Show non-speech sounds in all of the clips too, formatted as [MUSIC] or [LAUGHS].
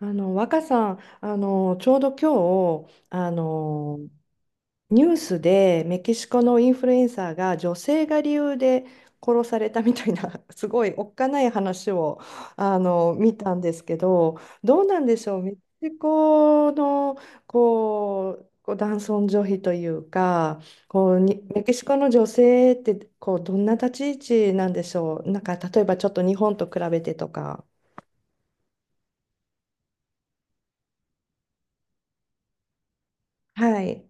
若さん、ちょうど今日ニュースでメキシコのインフルエンサーが女性が理由で殺されたみたいな [LAUGHS] すごいおっかない話を見たんですけど、どうなんでしょう。メキシコの男尊女卑というか、こうにメキシコの女性ってどんな立ち位置なんでしょう。なんか例えばちょっと日本と比べてとか。はい、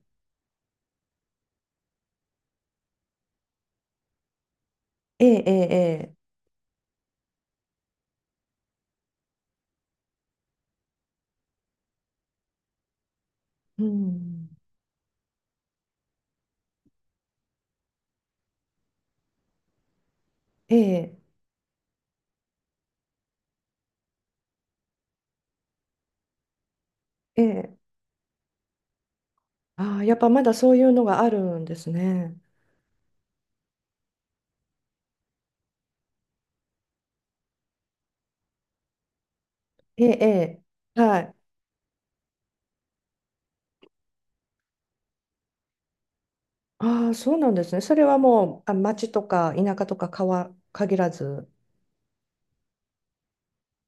ええ、ええ、ええ、うん、ええ、ええ、ああ、やっぱまだそういうのがあるんですね。ええ、ええ、はい。ああ、そうなんですね。それはもう、あ、町とか田舎とか川限らず。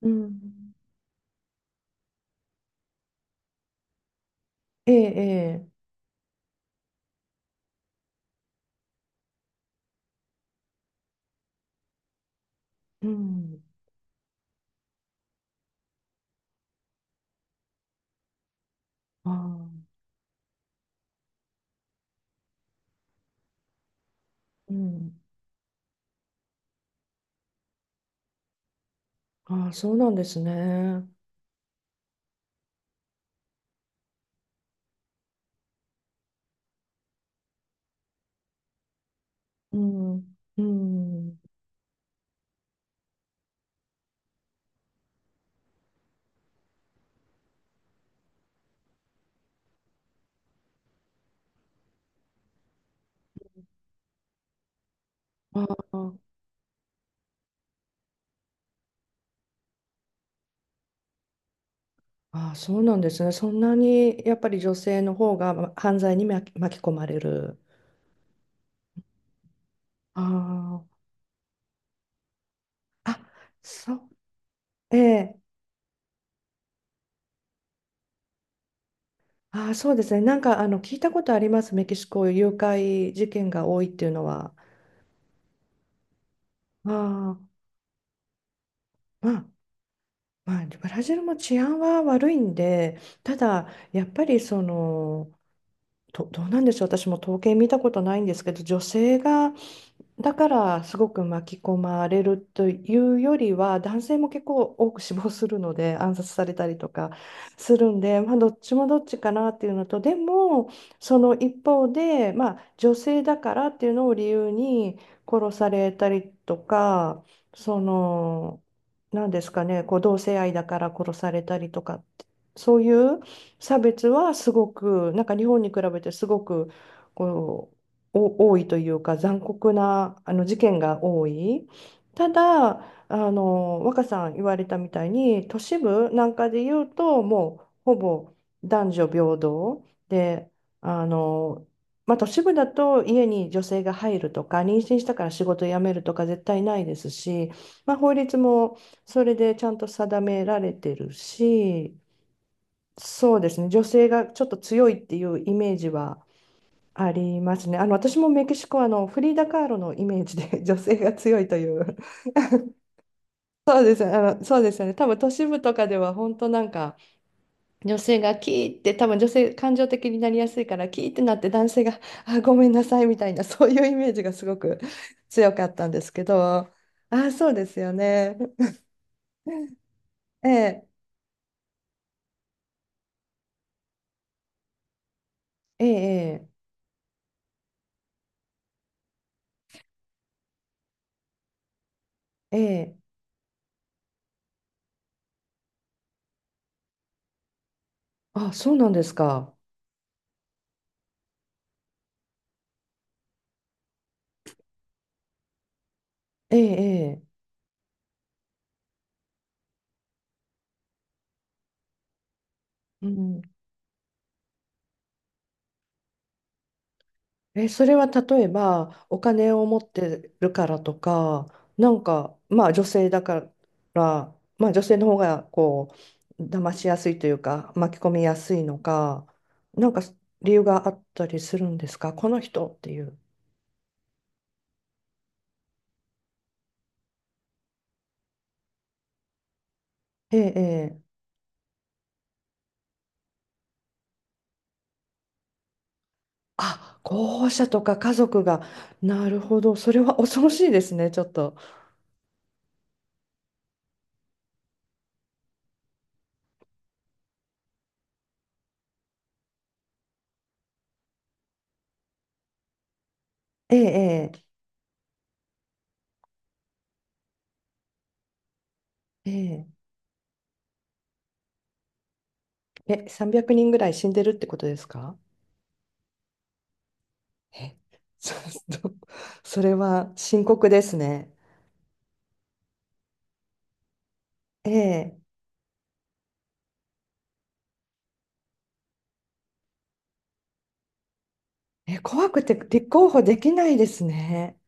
うん、ええ、ええ、うん、ああ、うん、ああ、そうなんですね。うん、うん、ああ、ああ、そうなんですね。そんなにやっぱり女性の方がま犯罪に巻き込まれる。ああ、あ、そう、ええ。ああ、そうですね。なんか、聞いたことあります。メキシコ、誘拐事件が多いっていうのは。ああ、まあ、まあ、ブラジルも治安は悪いんで、ただ、やっぱり、その、どうなんでしょう。私も統計見たことないんですけど、女性がだからすごく巻き込まれるというよりは男性も結構多く死亡するので [LAUGHS] 暗殺されたりとかするんで、まあ、どっちもどっちかなっていうのと、でもその一方で、まあ、女性だからっていうのを理由に殺されたりとか、その、なんですかね、同性愛だから殺されたりとかって、そういう差別はすごく、なんか日本に比べてすごくこう。お多いというか残酷な事件が多い。ただ若さん言われたみたいに都市部なんかで言うと、もうほぼ男女平等で、あの、まあ、都市部だと家に女性が入るとか妊娠したから仕事辞めるとか絶対ないですし、まあ、法律もそれでちゃんと定められてるし、そうですね、女性がちょっと強いっていうイメージはありますね。私もメキシコはフリーダ・カーロのイメージで [LAUGHS] 女性が強いという、そうです、そうですよね。多分都市部とかでは本当なんか女性がキーって、多分女性感情的になりやすいからキーってなって、男性が、あ、ごめんなさいみたいな、そういうイメージがすごく強かったんですけど。あ、そうですよね。[LAUGHS] ええ、ええ、ええ、ええ、あ、そうなんですか。ええ、ええ、うん、え、それは例えばお金を持ってるからとか、なんか、まあ女性だから、まあ女性の方が騙しやすいというか、巻き込みやすいのか、なんか理由があったりするんですか、この人っていう。ええ、ええ、あ、候補者とか家族が、なるほど、それは恐ろしいですね、ちょっと。ええ、ええ、ええ、え、300人ぐらい死んでるってことですか？え、ちょっと [LAUGHS]、それは深刻ですね。ええ、え、怖くて立候補できないですね。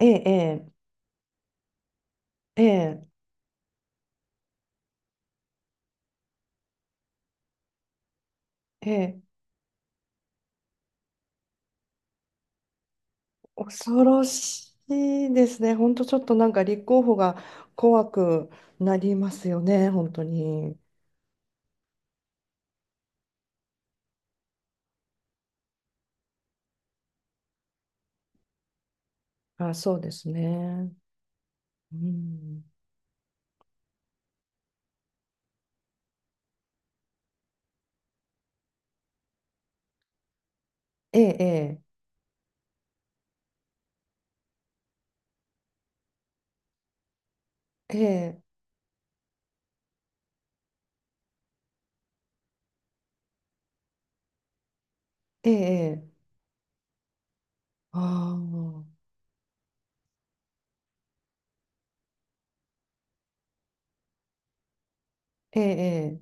ええ、ええ、ええ、ええ、恐ろしいですね。本当ちょっとなんか立候補が怖くなりますよね、本当に。あ、そうですね。うん、ええ、ええ、ええ、ええ、ああ、ええ、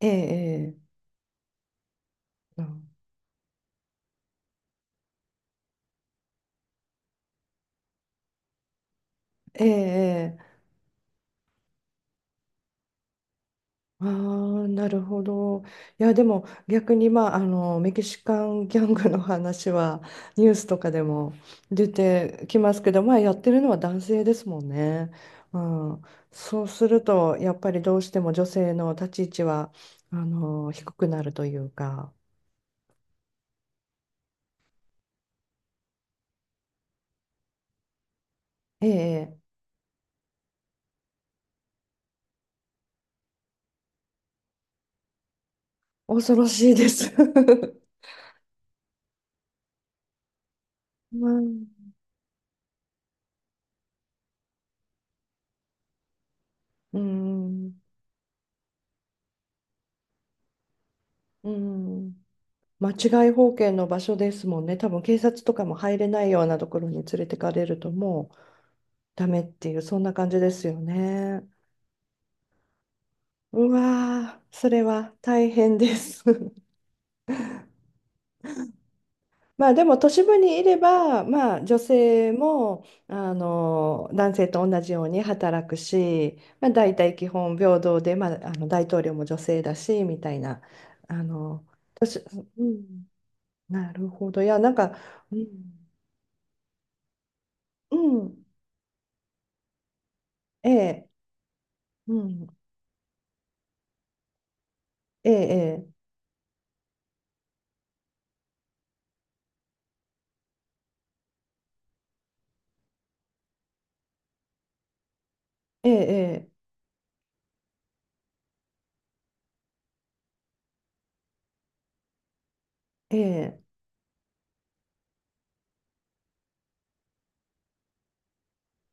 ええ、ええ、ええ、ええ、ああ、なるほど。いや、でも逆に、まあ、メキシカンギャングの話はニュースとかでも出てきますけど、まあ、やってるのは男性ですもんね。うん、そうすると、やっぱりどうしても女性の立ち位置は、低くなるというか、ええ、恐ろしいです。[LAUGHS] まあ、[LAUGHS] うん、うん。間違い保険の場所ですもんね。多分警察とかも入れないようなところに連れてかれるとも、ダメっていう、そんな感じですよね。うわー、それは大変です。[LAUGHS] まあでも都市部にいれば、まあ女性も、男性と同じように働くし、まあ大体基本平等で、まあ、大統領も女性だし、みたいな、あの、都市、うん、なるほど。いや、なんか、うん、うん、ええ、うん、ええ、ええ、ええ、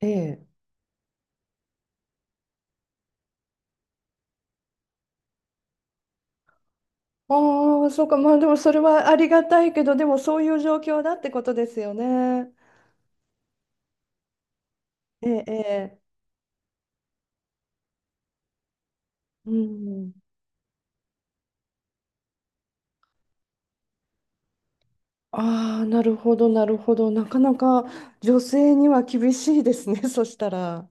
ええ、ええ。ああ、そうか、まあでもそれはありがたいけど、でもそういう状況だってことですよね。ええ、ええ、うん。ああ、なるほど、なるほど。なかなか女性には厳しいですね、[LAUGHS] そしたら。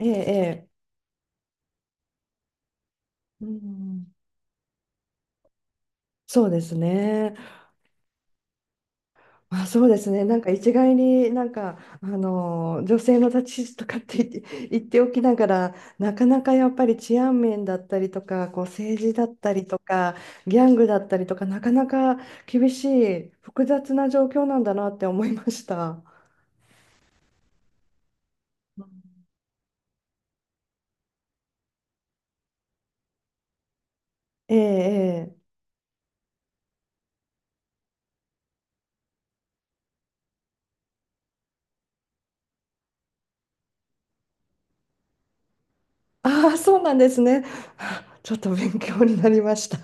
ええ、ええ。うん、そうですね。あ、そうですね。なんか一概になんか、女性の立ち位置とかって言って、[LAUGHS] 言っておきながら、なかなかやっぱり治安面だったりとか、政治だったりとか、ギャングだったりとか、なかなか厳しい、複雑な状況なんだなって思いました。うん、ええ、ええ。ああ、そうなんですね。[LAUGHS] はあ、ちょっと勉強になりました。